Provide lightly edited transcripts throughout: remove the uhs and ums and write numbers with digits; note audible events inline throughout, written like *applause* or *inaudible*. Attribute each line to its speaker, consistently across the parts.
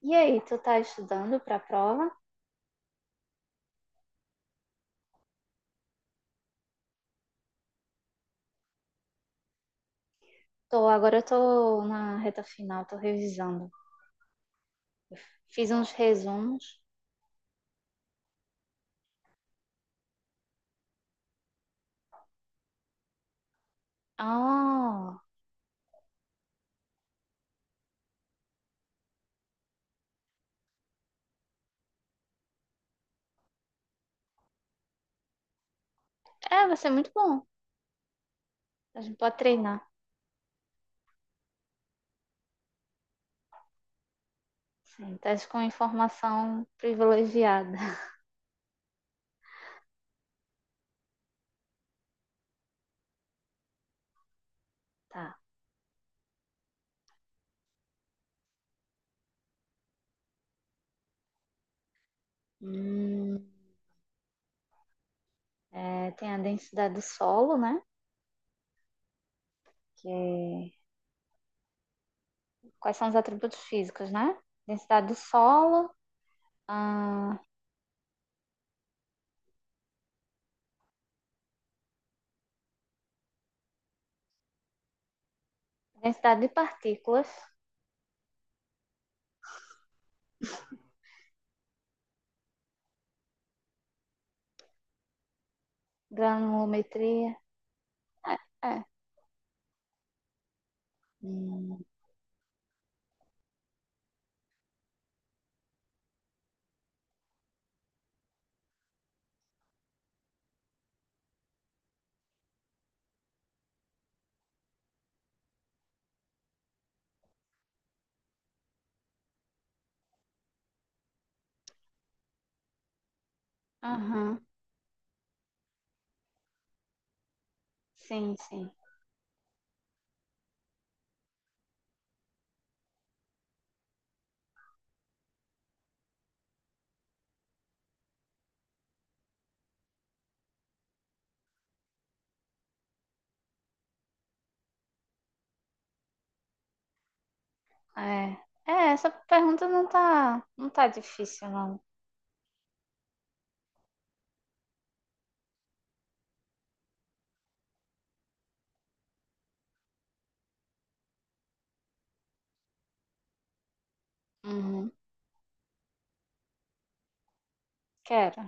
Speaker 1: E aí, tu tá estudando para a prova? Tô, agora eu tô na reta final, tô revisando. Fiz uns resumos. Ah, é, vai ser muito bom. A gente pode treinar. Sim, tá com informação privilegiada. *laughs* Tá. Hum, É, tem a densidade do solo, né? Que é- Quais são os atributos físicos, né? Densidade do solo, a densidade de partículas, granulometria. É. Hum, aham, sim, sim. É. É, essa pergunta não tá difícil, não. Uhum. Quero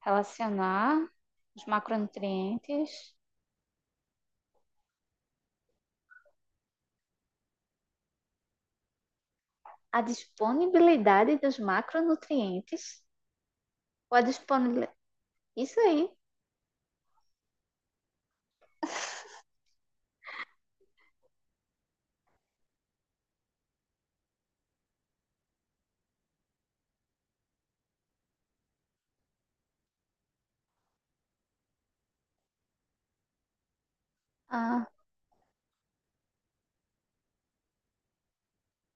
Speaker 1: relacionar os macronutrientes à disponibilidade dos macronutrientes ou a disponibilidade. Isso aí. Ah,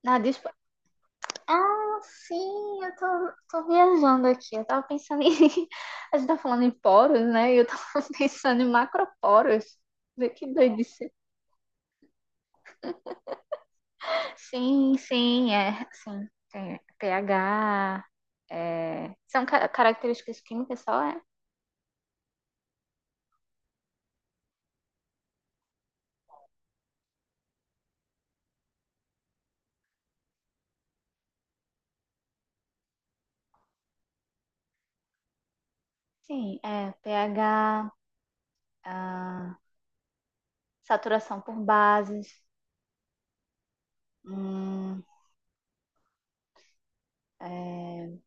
Speaker 1: na dispo... ah, sim, eu tô viajando aqui. Eu tava pensando em. *laughs* A gente tá falando em poros, né? E eu tava *laughs* pensando em macroporos. Vê, que doidice. Sim, sim, é, sim, tem pH, é, são características químicas só, é? Sim, é pH, ah, saturação por bases, hum, é,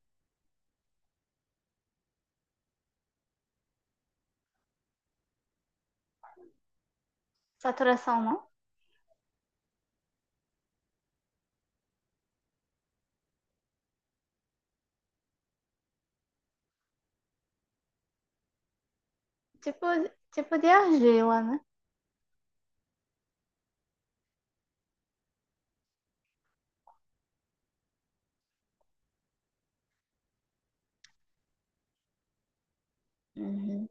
Speaker 1: saturação não? Tipo, tipo de argila, né? Uhum.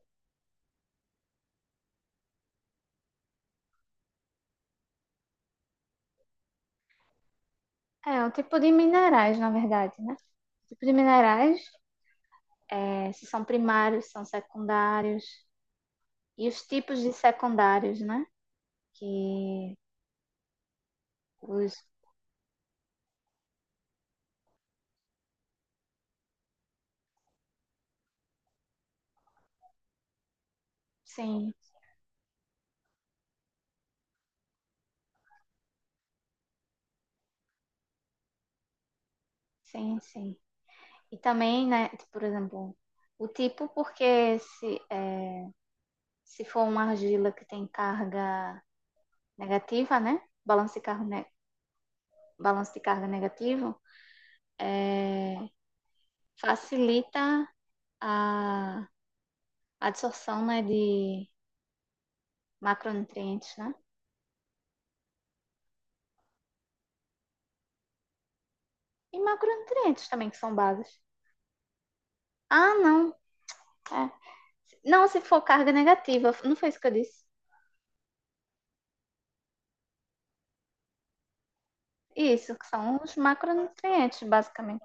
Speaker 1: É, um tipo de minerais, na verdade, né? Um tipo de minerais, é, se são primários, são secundários, e os tipos de secundários, né? Que os, sim, sim, sim. E também, né, por exemplo, o tipo, porque se, é, se for uma argila que tem carga negativa, né, balanço de carga negativo, facilita a, a absorção, né, de macronutrientes, né? E macronutrientes também, que são bases. Ah, não. É. Não, se for carga negativa, não foi isso que eu disse. Isso, que são os macronutrientes, basicamente.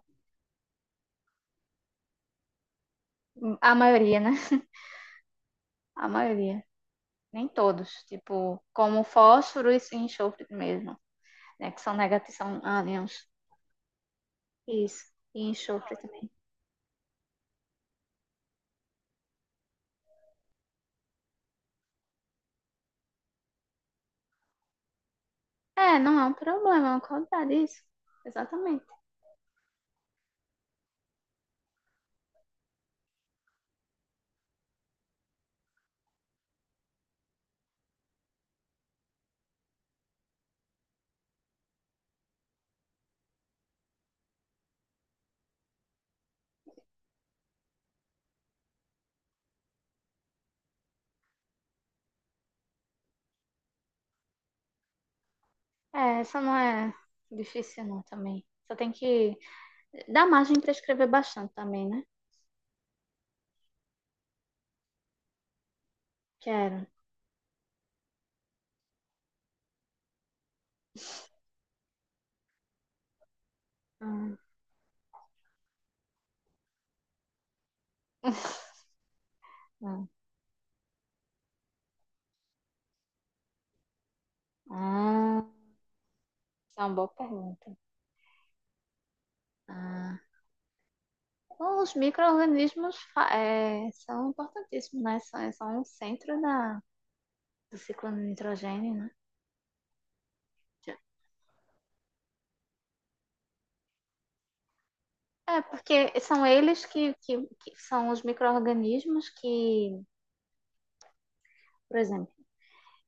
Speaker 1: A maioria, né? A maioria. Nem todos, tipo, como fósforo e enxofre mesmo, né? Que são negativos, são ânions. Isso. E enxofre também. É, não é um problema, é uma qualidade, isso. Exatamente. É, essa não é difícil não também. Só tem que dar margem para escrever bastante também, né? Quero. Ah, ah, ah, essa é uma boa pergunta. Ah, bom, os micro-organismos é, são importantíssimos, né? São o centro do ciclo do nitrogênio, né? É, porque são eles que são os micro-organismos que, por exemplo,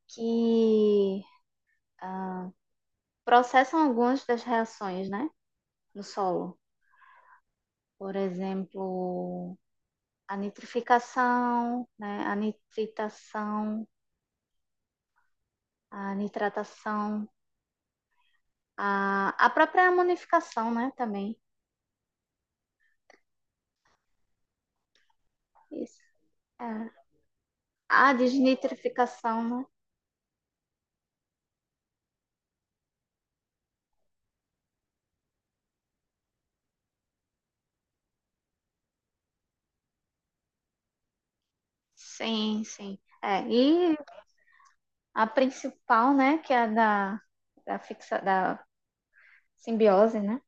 Speaker 1: que ah, processam algumas das reações, né, no solo. Por exemplo, a nitrificação, né, a nitritação, a nitratação, a própria amonificação, né, também. Isso. É. A desnitrificação, né? Sim, sim. É, e a principal, né, que é a da simbiose, né?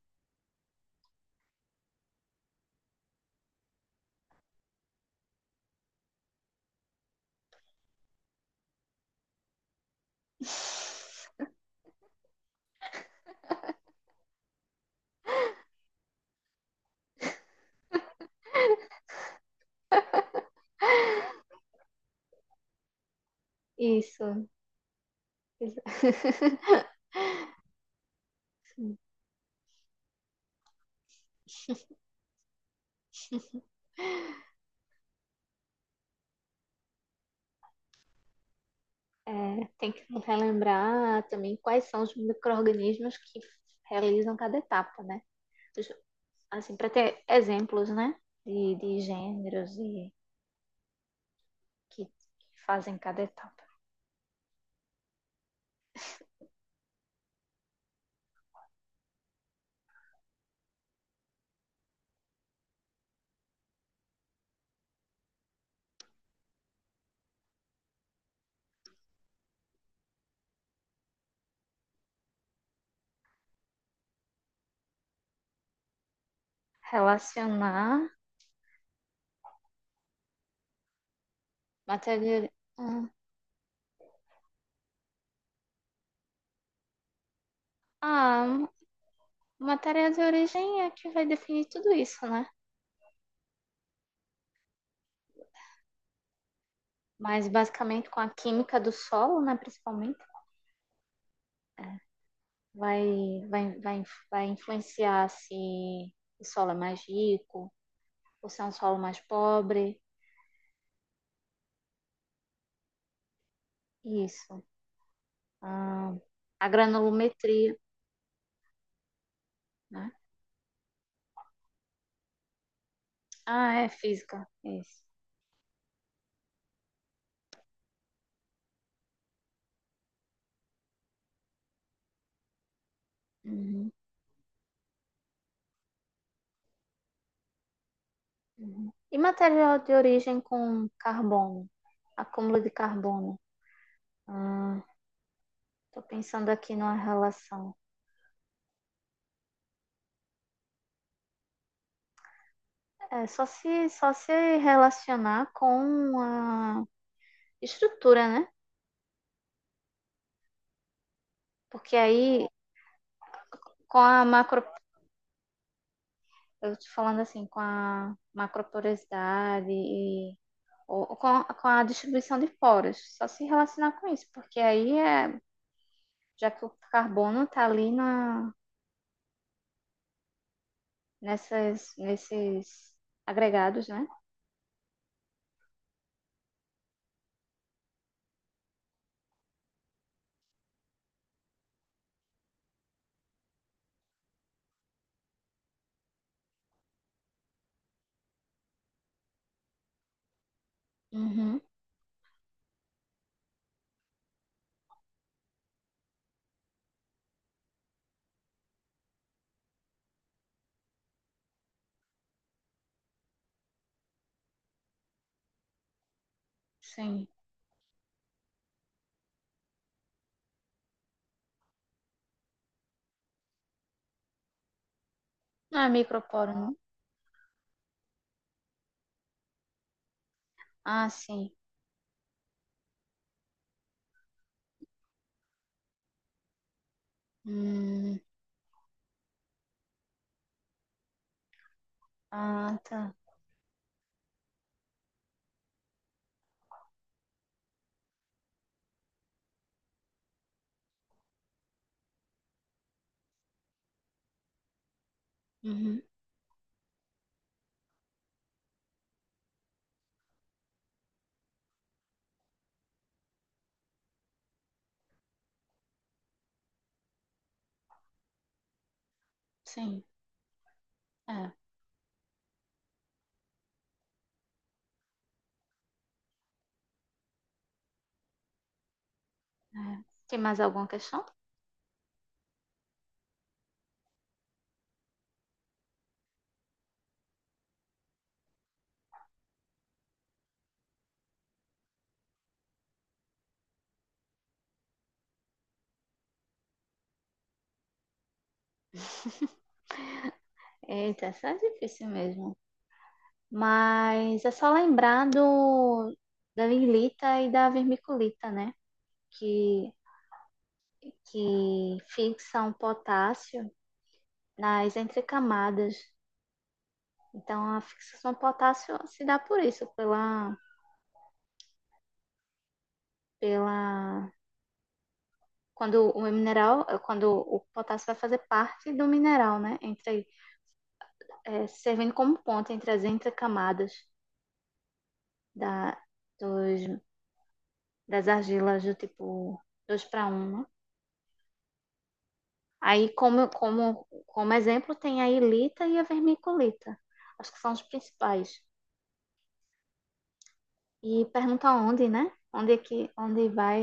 Speaker 1: Isso, exato, né? Tem que relembrar também quais são os micro-organismos que realizam cada etapa, né? Assim, para ter exemplos, né? De gêneros e que fazem cada etapa. Relacionar matéria de, ah, ah, matéria de origem é que vai definir tudo isso, né? Mas basicamente com a química do solo, né? Principalmente vai, vai, vai, vai influenciar se o solo é mais rico ou se é um solo mais pobre. Isso. Ah, a granulometria, né? Ah, é física. Isso. Uhum, uhum. E material de origem com carbono, acúmulo de carbono. Estou pensando aqui numa relação. É só se relacionar com a estrutura, né? Porque aí, com a macro, eu te falando assim com a macroporosidade e ou com a distribuição de poros, só se relacionar com isso, porque aí é, já que o carbono está ali nesses agregados, né? Uhum, sim. Não é microporo, não? Ah, sim. Hum, ah, tá. Uhum, sim. É, é. Tem mais alguma questão? Eita, essa é difícil mesmo. Mas é só lembrar da virlita e da vermiculita, né? Que, que fixam potássio nas entrecamadas. Então, a fixação do potássio se dá por isso, pela, pela quando o mineral, quando o potássio vai fazer parte do mineral, né? Servindo como ponte entre as entrecamadas da, dos, das argilas do tipo 2:1, né? Aí, como exemplo, tem a ilita e a vermiculita. Acho que são os principais. E pergunta onde, né? Onde é que, onde vai,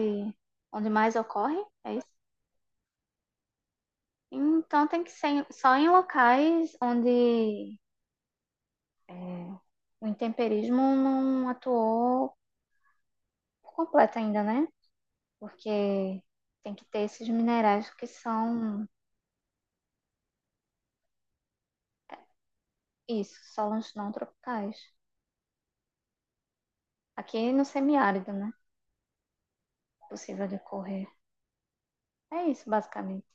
Speaker 1: onde mais ocorre? É isso? Então tem que ser só em locais onde é, o intemperismo não atuou por completo ainda, né? Porque tem que ter esses minerais que são isso, solos não tropicais. Aqui no semiárido, né? Possível de ocorrer. É isso, basicamente.